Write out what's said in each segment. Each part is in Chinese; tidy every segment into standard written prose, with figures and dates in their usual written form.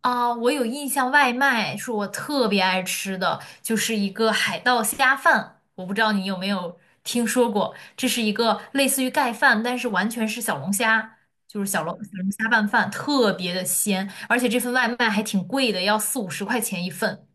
啊，我有印象，外卖是我特别爱吃的，就是一个海盗虾饭。我不知道你有没有听说过，这是一个类似于盖饭，但是完全是小龙虾，就是小龙虾拌饭，特别的鲜，而且这份外卖还挺贵的，要四五十块钱一份。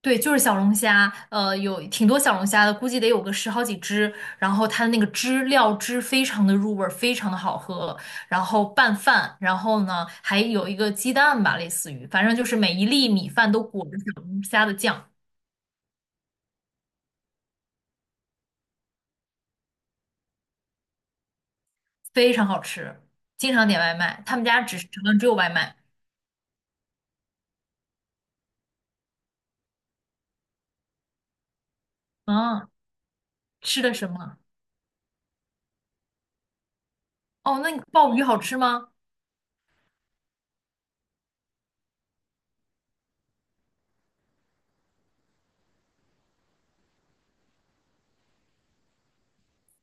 对，就是小龙虾，有挺多小龙虾的，估计得有个十好几只。然后它的那个汁料汁非常的入味儿，非常的好喝。然后拌饭，然后呢还有一个鸡蛋吧，类似于，反正就是每一粒米饭都裹着小龙虾的酱，非常好吃。经常点外卖，他们家只有外卖。嗯，吃的什么？哦，那你鲍鱼好吃吗？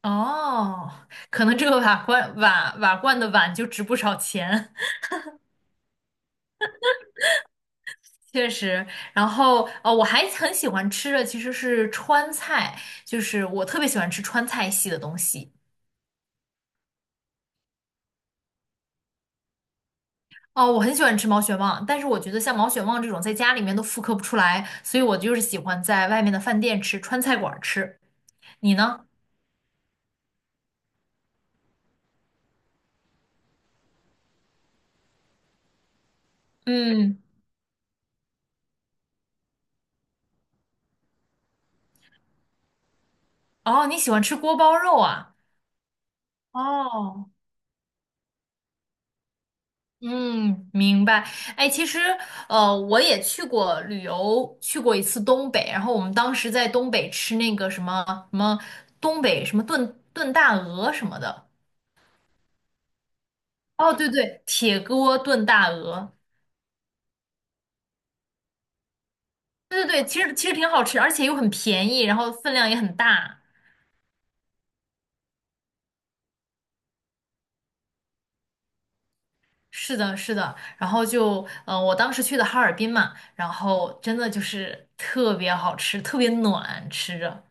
哦，可能这个瓦罐的碗就值不少钱。确实，然后我还很喜欢吃的其实是川菜，就是我特别喜欢吃川菜系的东西。哦，我很喜欢吃毛血旺，但是我觉得像毛血旺这种在家里面都复刻不出来，所以我就是喜欢在外面的饭店吃，川菜馆儿吃。你呢？嗯，哦，你喜欢吃锅包肉啊？哦。嗯，明白。哎，其实，我也去过旅游，去过一次东北。然后我们当时在东北吃那个什么什么东北什么炖大鹅什么的。哦，对对，铁锅炖大鹅。对对对，其实挺好吃，而且又很便宜，然后分量也很大。是的，是的。然后就，我当时去的哈尔滨嘛，然后真的就是特别好吃，特别暖，吃着。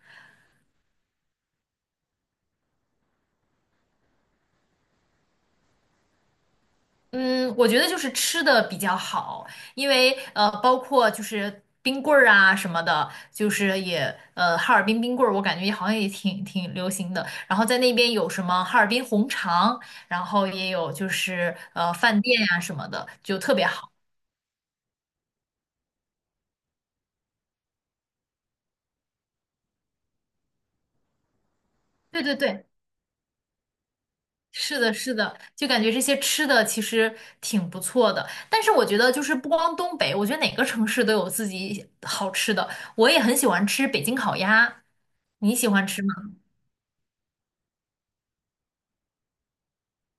嗯，我觉得就是吃的比较好，因为包括就是冰棍儿啊什么的，就是也哈尔滨冰棍儿，我感觉好像也挺流行的。然后在那边有什么哈尔滨红肠，然后也有就是饭店呀、什么的，就特别好。对对对，是的，是的，就感觉这些吃的其实挺不错的。但是我觉得就是不光东北，我觉得哪个城市都有自己好吃的。我也很喜欢吃北京烤鸭，你喜欢吃吗？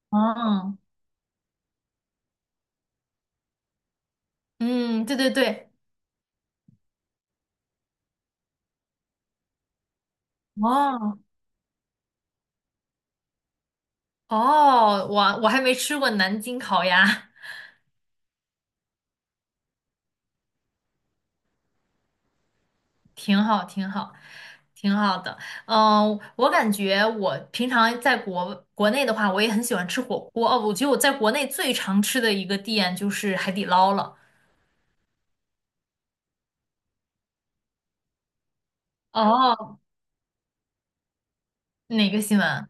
哦，嗯，对对对，哦，哦，我我还没吃过南京烤鸭，挺好，挺好，挺好的。嗯，我感觉我平常在国内的话，我也很喜欢吃火锅。哦，我觉得我在国内最常吃的一个店就是海底捞了。哦，哪个新闻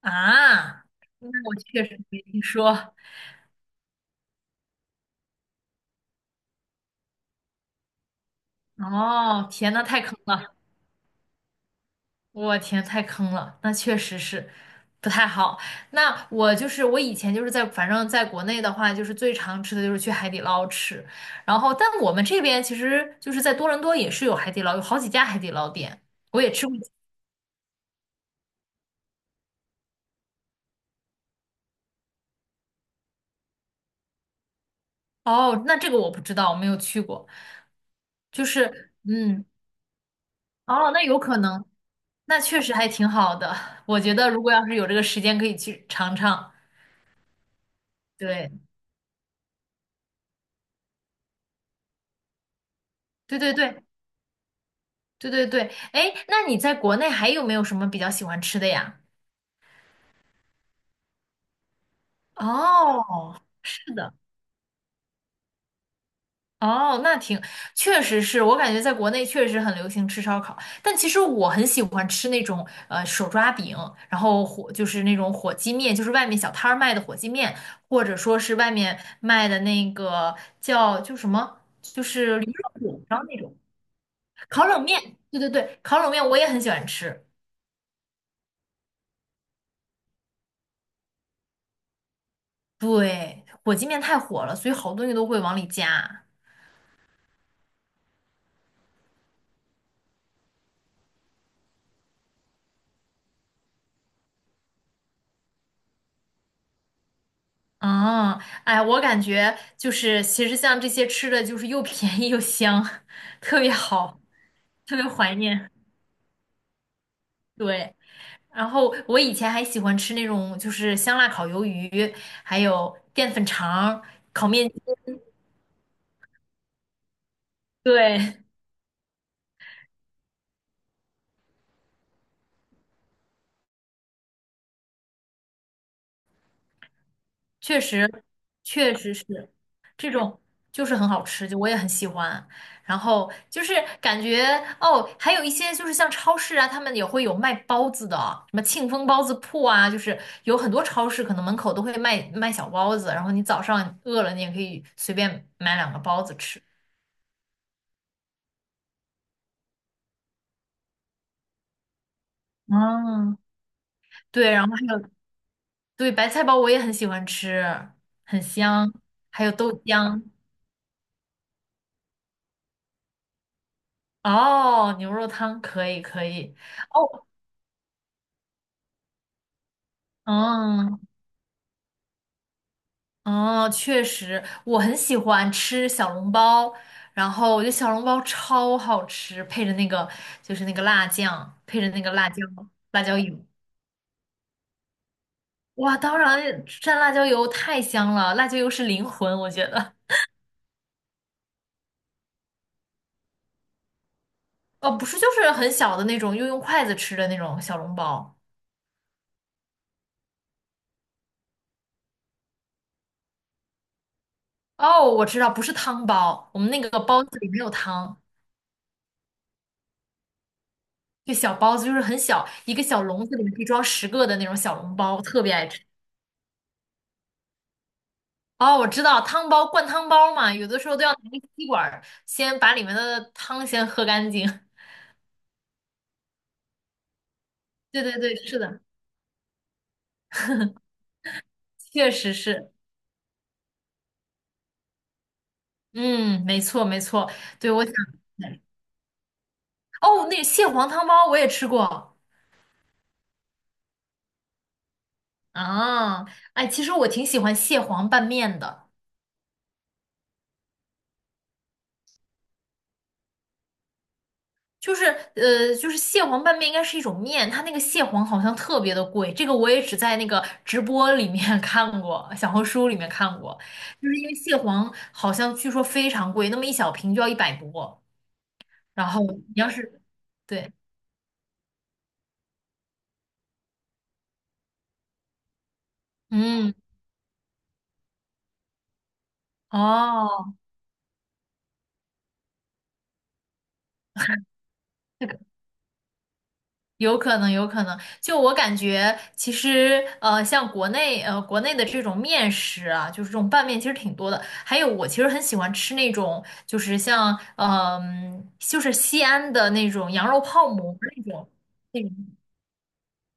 啊？那我确实没听说。哦，天呐，太坑了。我天，太坑了，那确实是不太好。那我就是我以前就是在，反正在国内的话，就是最常吃的就是去海底捞吃。然后，但我们这边其实就是在多伦多也是有海底捞，有好几家海底捞店，我也吃过。哦，那这个我不知道，我没有去过。就是，嗯，哦，那有可能，那确实还挺好的。我觉得如果要是有这个时间，可以去尝尝。对，对对对对对对。哎，那你在国内还有没有什么比较喜欢吃的呀？哦，是的，哦，那挺，确实是我感觉在国内确实很流行吃烧烤，但其实我很喜欢吃那种手抓饼，然后火就是那种火鸡面，就是外面小摊儿卖的火鸡面，或者说是外面卖的那个叫就什么驴肉火烧那种烤冷面，对对对，烤冷面我也很喜欢吃，对，火鸡面太火了，所以好多东西都会往里加。啊，哎，我感觉就是，其实像这些吃的，就是又便宜又香，特别好，特别怀念。对，然后我以前还喜欢吃那种，就是香辣烤鱿鱼，还有淀粉肠儿烤面筋。对，确实，确实是。这种就是很好吃，就我也很喜欢。然后就是感觉哦，还有一些就是像超市啊，他们也会有卖包子的啊，什么庆丰包子铺啊，就是有很多超市可能门口都会卖小包子，然后你早上饿了，你也可以随便买两个包子吃。嗯，对，然后还有对白菜包，我也很喜欢吃，很香。还有豆浆，哦，牛肉汤可以可以，哦，嗯。哦，确实，我很喜欢吃小笼包，然后我觉得小笼包超好吃，配着那个就是那个辣酱，配着那个辣椒油，哇，当然蘸辣椒油太香了，辣椒油是灵魂，我觉得。哦，不是，就是很小的那种，又用筷子吃的那种小笼包。哦，我知道，不是汤包，我们那个包子里没有汤，就小包子，就是很小，一个小笼子里面可以装10个的那种小笼包，我特别爱吃。哦，我知道汤包灌汤包嘛，有的时候都要拿个吸管儿先把里面的汤先喝干净。对对对，是的，确实是。嗯，没错没错。对，我想，哦，那个蟹黄汤包我也吃过啊。哎，其实我挺喜欢蟹黄拌面的。就是就是蟹黄拌面应该是一种面，它那个蟹黄好像特别的贵，这个我也只在那个直播里面 看过，小红书里面看过，就是因为蟹黄好像据说非常贵，那么一小瓶就要100多，然后你要是对，嗯，哦。这个。有可能，有可能。就我感觉，其实像国内的这种面食啊，就是这种拌面，其实挺多的。还有，我其实很喜欢吃那种，就是像嗯、就是西安的那种羊肉泡馍那种，那种，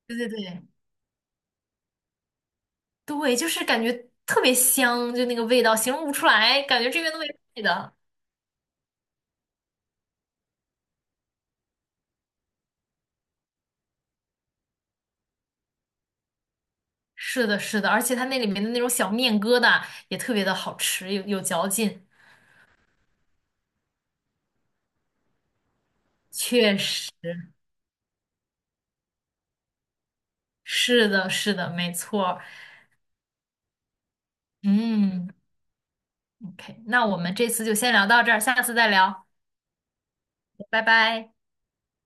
对对对对，就是感觉特别香，就那个味道形容不出来，感觉这边都没味的。是的，是的，而且它那里面的那种小面疙瘩也特别的好吃，有嚼劲，确实。是的，是的，没错。嗯，OK，那我们这次就先聊到这儿，下次再聊，拜拜。